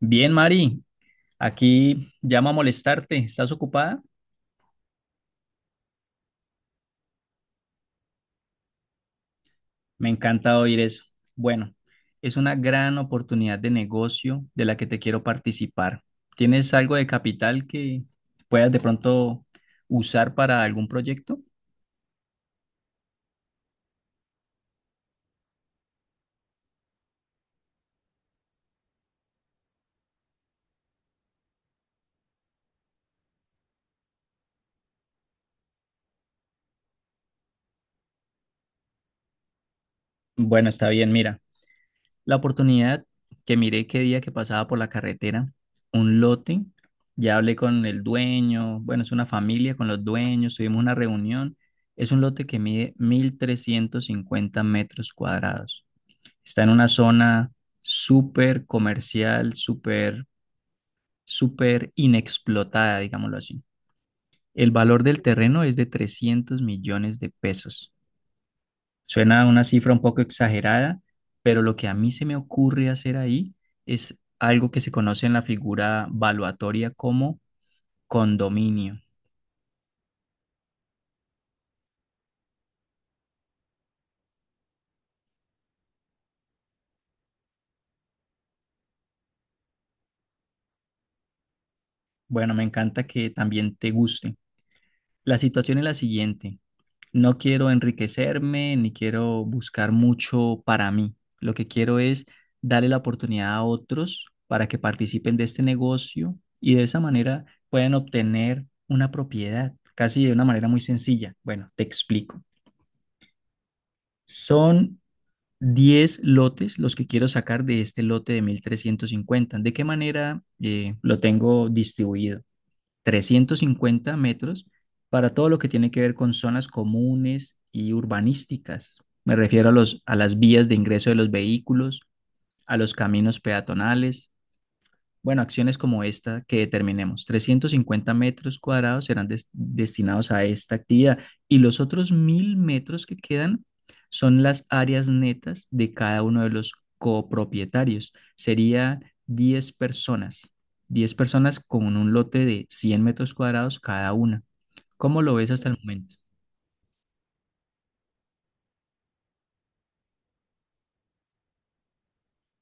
Bien, Mari, aquí llamo a molestarte. ¿Estás ocupada? Me encanta oír eso. Bueno, es una gran oportunidad de negocio de la que te quiero participar. ¿Tienes algo de capital que puedas de pronto usar para algún proyecto? Bueno, está bien, mira. La oportunidad que miré qué día que pasaba por la carretera, un lote, ya hablé con el dueño, bueno, es una familia con los dueños, tuvimos una reunión, es un lote que mide 1.350 metros cuadrados. Está en una zona súper comercial, súper, súper inexplotada, digámoslo así. El valor del terreno es de 300 millones de pesos. Suena una cifra un poco exagerada, pero lo que a mí se me ocurre hacer ahí es algo que se conoce en la figura valuatoria como condominio. Bueno, me encanta que también te guste. La situación es la siguiente. No quiero enriquecerme ni quiero buscar mucho para mí. Lo que quiero es darle la oportunidad a otros para que participen de este negocio y de esa manera puedan obtener una propiedad, casi de una manera muy sencilla. Bueno, te explico. Son 10 lotes los que quiero sacar de este lote de 1350. ¿De qué manera lo tengo distribuido? 350 metros para todo lo que tiene que ver con zonas comunes y urbanísticas. Me refiero a a las vías de ingreso de los vehículos, a los caminos peatonales, bueno, acciones como esta que determinemos, 350 metros cuadrados serán destinados a esta actividad y los otros 1000 metros que quedan son las áreas netas de cada uno de los copropietarios. Sería 10 personas con un lote de 100 metros cuadrados cada una. ¿Cómo lo ves hasta el momento?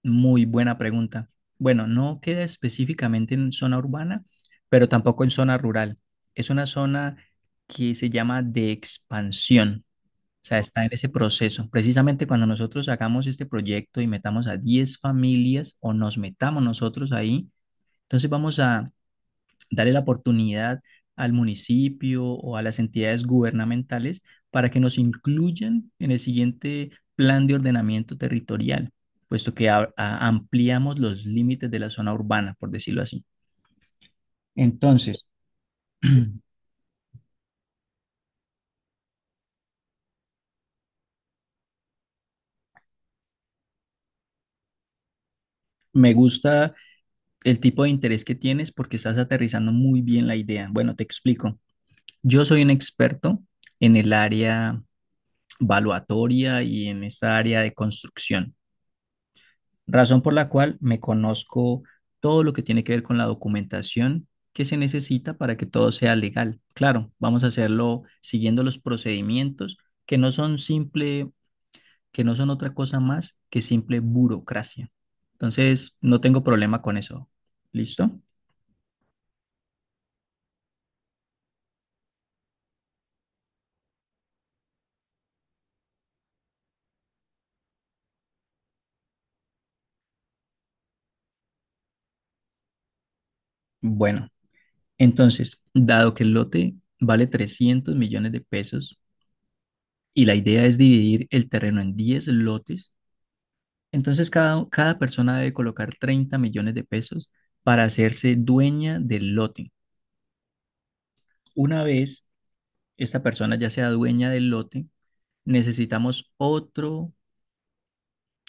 Muy buena pregunta. Bueno, no queda específicamente en zona urbana, pero tampoco en zona rural. Es una zona que se llama de expansión. O sea, está en ese proceso. Precisamente cuando nosotros hagamos este proyecto y metamos a 10 familias o nos metamos nosotros ahí, entonces vamos a darle la oportunidad al municipio o a las entidades gubernamentales para que nos incluyan en el siguiente plan de ordenamiento territorial, puesto que ampliamos los límites de la zona urbana, por decirlo así. Entonces, me gusta el tipo de interés que tienes porque estás aterrizando muy bien la idea. Bueno, te explico. Yo soy un experto en el área valuatoria y en esa área de construcción. Razón por la cual me conozco todo lo que tiene que ver con la documentación que se necesita para que todo sea legal. Claro, vamos a hacerlo siguiendo los procedimientos que no son simple, que no son otra cosa más que simple burocracia. Entonces, no tengo problema con eso. ¿Listo? Bueno, entonces, dado que el lote vale 300 millones de pesos y la idea es dividir el terreno en 10 lotes, entonces cada persona debe colocar 30 millones de pesos para hacerse dueña del lote. Una vez esta persona ya sea dueña del lote, necesitamos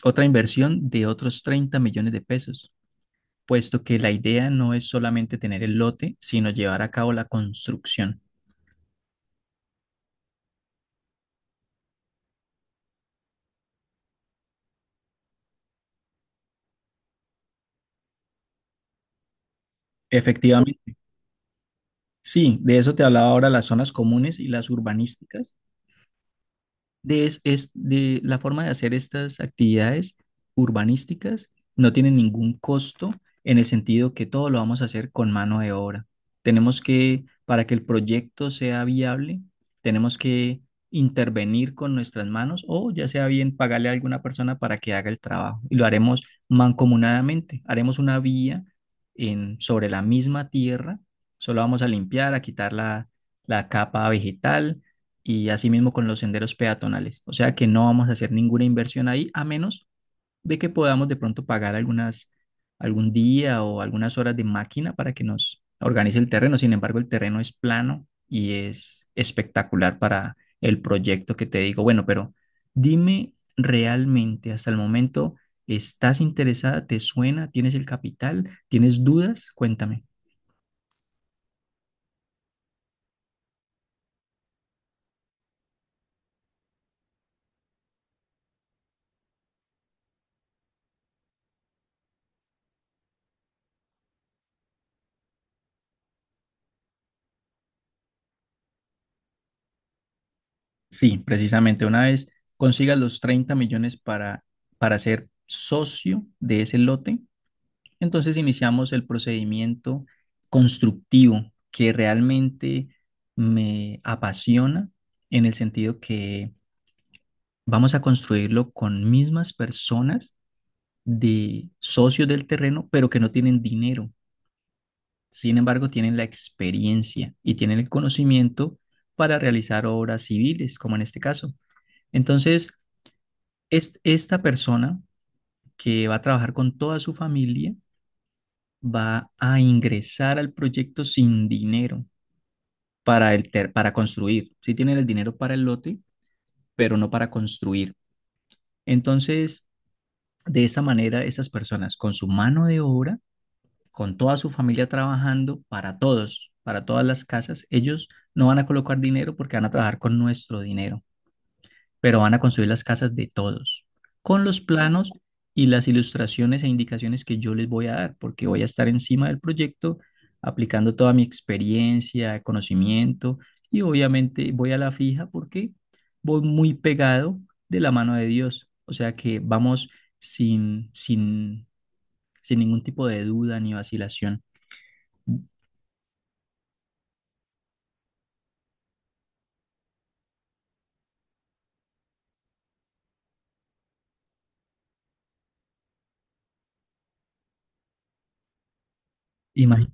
otra inversión de otros 30 millones de pesos, puesto que la idea no es solamente tener el lote, sino llevar a cabo la construcción. Efectivamente, sí, de eso te hablaba ahora las zonas comunes y las urbanísticas de, es de la forma de hacer estas actividades urbanísticas no tiene ningún costo en el sentido que todo lo vamos a hacer con mano de obra. Tenemos que, para que el proyecto sea viable, tenemos que intervenir con nuestras manos o ya sea bien pagarle a alguna persona para que haga el trabajo. Y lo haremos mancomunadamente. Haremos una vía en, sobre la misma tierra. Solo vamos a limpiar, a quitar la capa vegetal y asimismo con los senderos peatonales. O sea que no vamos a hacer ninguna inversión ahí, a menos de que podamos de pronto pagar algún día o algunas horas de máquina para que nos organice el terreno. Sin embargo, el terreno es plano y es espectacular para el proyecto que te digo. Bueno, pero dime realmente hasta el momento, ¿estás interesada? ¿Te suena? ¿Tienes el capital? ¿Tienes dudas? Cuéntame. Sí, precisamente, una vez consigas los 30 millones para ser socio de ese lote, entonces iniciamos el procedimiento constructivo que realmente me apasiona en el sentido que vamos a construirlo con mismas personas de socios del terreno, pero que no tienen dinero. Sin embargo, tienen la experiencia y tienen el conocimiento para realizar obras civiles, como en este caso. Entonces, esta persona que va a trabajar con toda su familia va a ingresar al proyecto sin dinero para, para construir. Sí tienen el dinero para el lote, pero no para construir. Entonces, de esa manera, esas personas con su mano de obra, con toda su familia trabajando para todos, para todas las casas, ellos no van a colocar dinero porque van a trabajar con nuestro dinero, pero van a construir las casas de todos, con los planos y las ilustraciones e indicaciones que yo les voy a dar, porque voy a estar encima del proyecto, aplicando toda mi experiencia, conocimiento, y obviamente voy a la fija porque voy muy pegado de la mano de Dios, o sea que vamos sin, sin, sin ningún tipo de duda ni vacilación. Imag-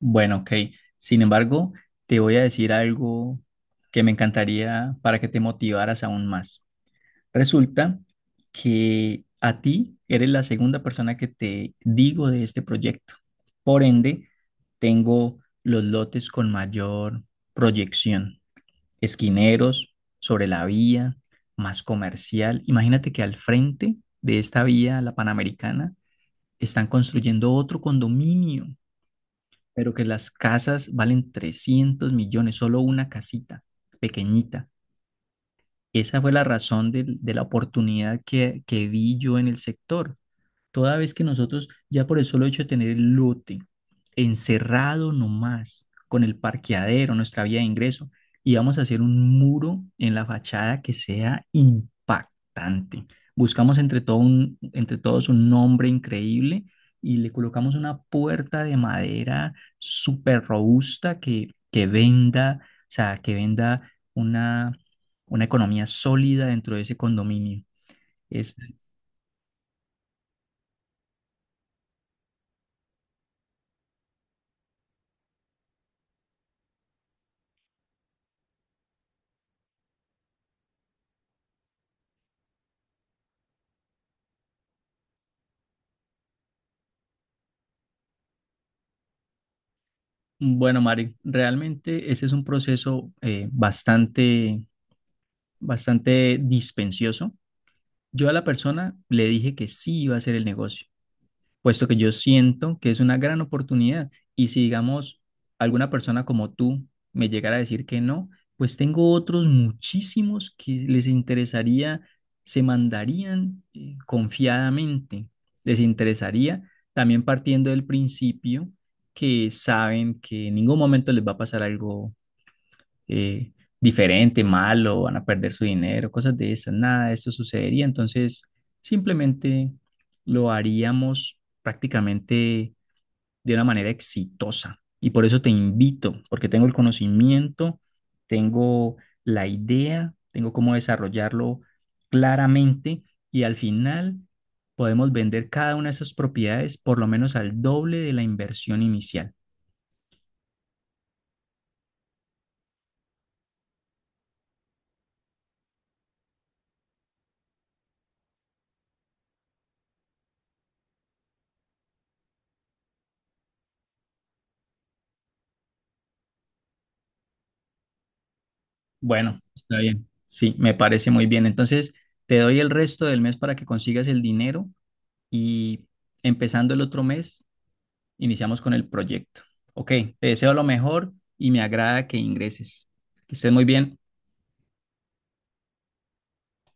Bueno, ok. Sin embargo, te voy a decir algo que me encantaría para que te motivaras aún más. Resulta que a ti eres la segunda persona que te digo de este proyecto. Por ende, tengo los lotes con mayor proyección. Esquineros, sobre la vía, más comercial. Imagínate que al frente de esta vía, la Panamericana, están construyendo otro condominio, pero que las casas valen 300 millones, solo una casita pequeñita. Esa fue la razón de la oportunidad que vi yo en el sector. Toda vez que nosotros, ya por el solo hecho de tener el lote encerrado nomás con el parqueadero, nuestra vía de ingreso, íbamos a hacer un muro en la fachada que sea impactante. Buscamos entre todos un nombre increíble y le colocamos una puerta de madera súper robusta que venda, o sea, que venda una economía sólida dentro de ese condominio. Es, bueno, Mari, realmente ese es un proceso bastante, bastante dispendioso. Yo a la persona le dije que sí iba a hacer el negocio puesto que yo siento que es una gran oportunidad. Y si, digamos, alguna persona como tú me llegara a decir que no, pues tengo otros muchísimos que les interesaría, se mandarían confiadamente, les interesaría también partiendo del principio que saben que en ningún momento les va a pasar algo eh, diferente, malo, van a perder su dinero, cosas de esas. Nada de esto sucedería. Entonces, simplemente lo haríamos prácticamente de una manera exitosa. Y por eso te invito, porque tengo el conocimiento, tengo la idea, tengo cómo desarrollarlo claramente y al final podemos vender cada una de esas propiedades por lo menos al doble de la inversión inicial. Bueno, está bien. Sí, me parece muy bien. Entonces, te doy el resto del mes para que consigas el dinero y empezando el otro mes, iniciamos con el proyecto. Ok, te deseo lo mejor y me agrada que ingreses. Que estés muy bien.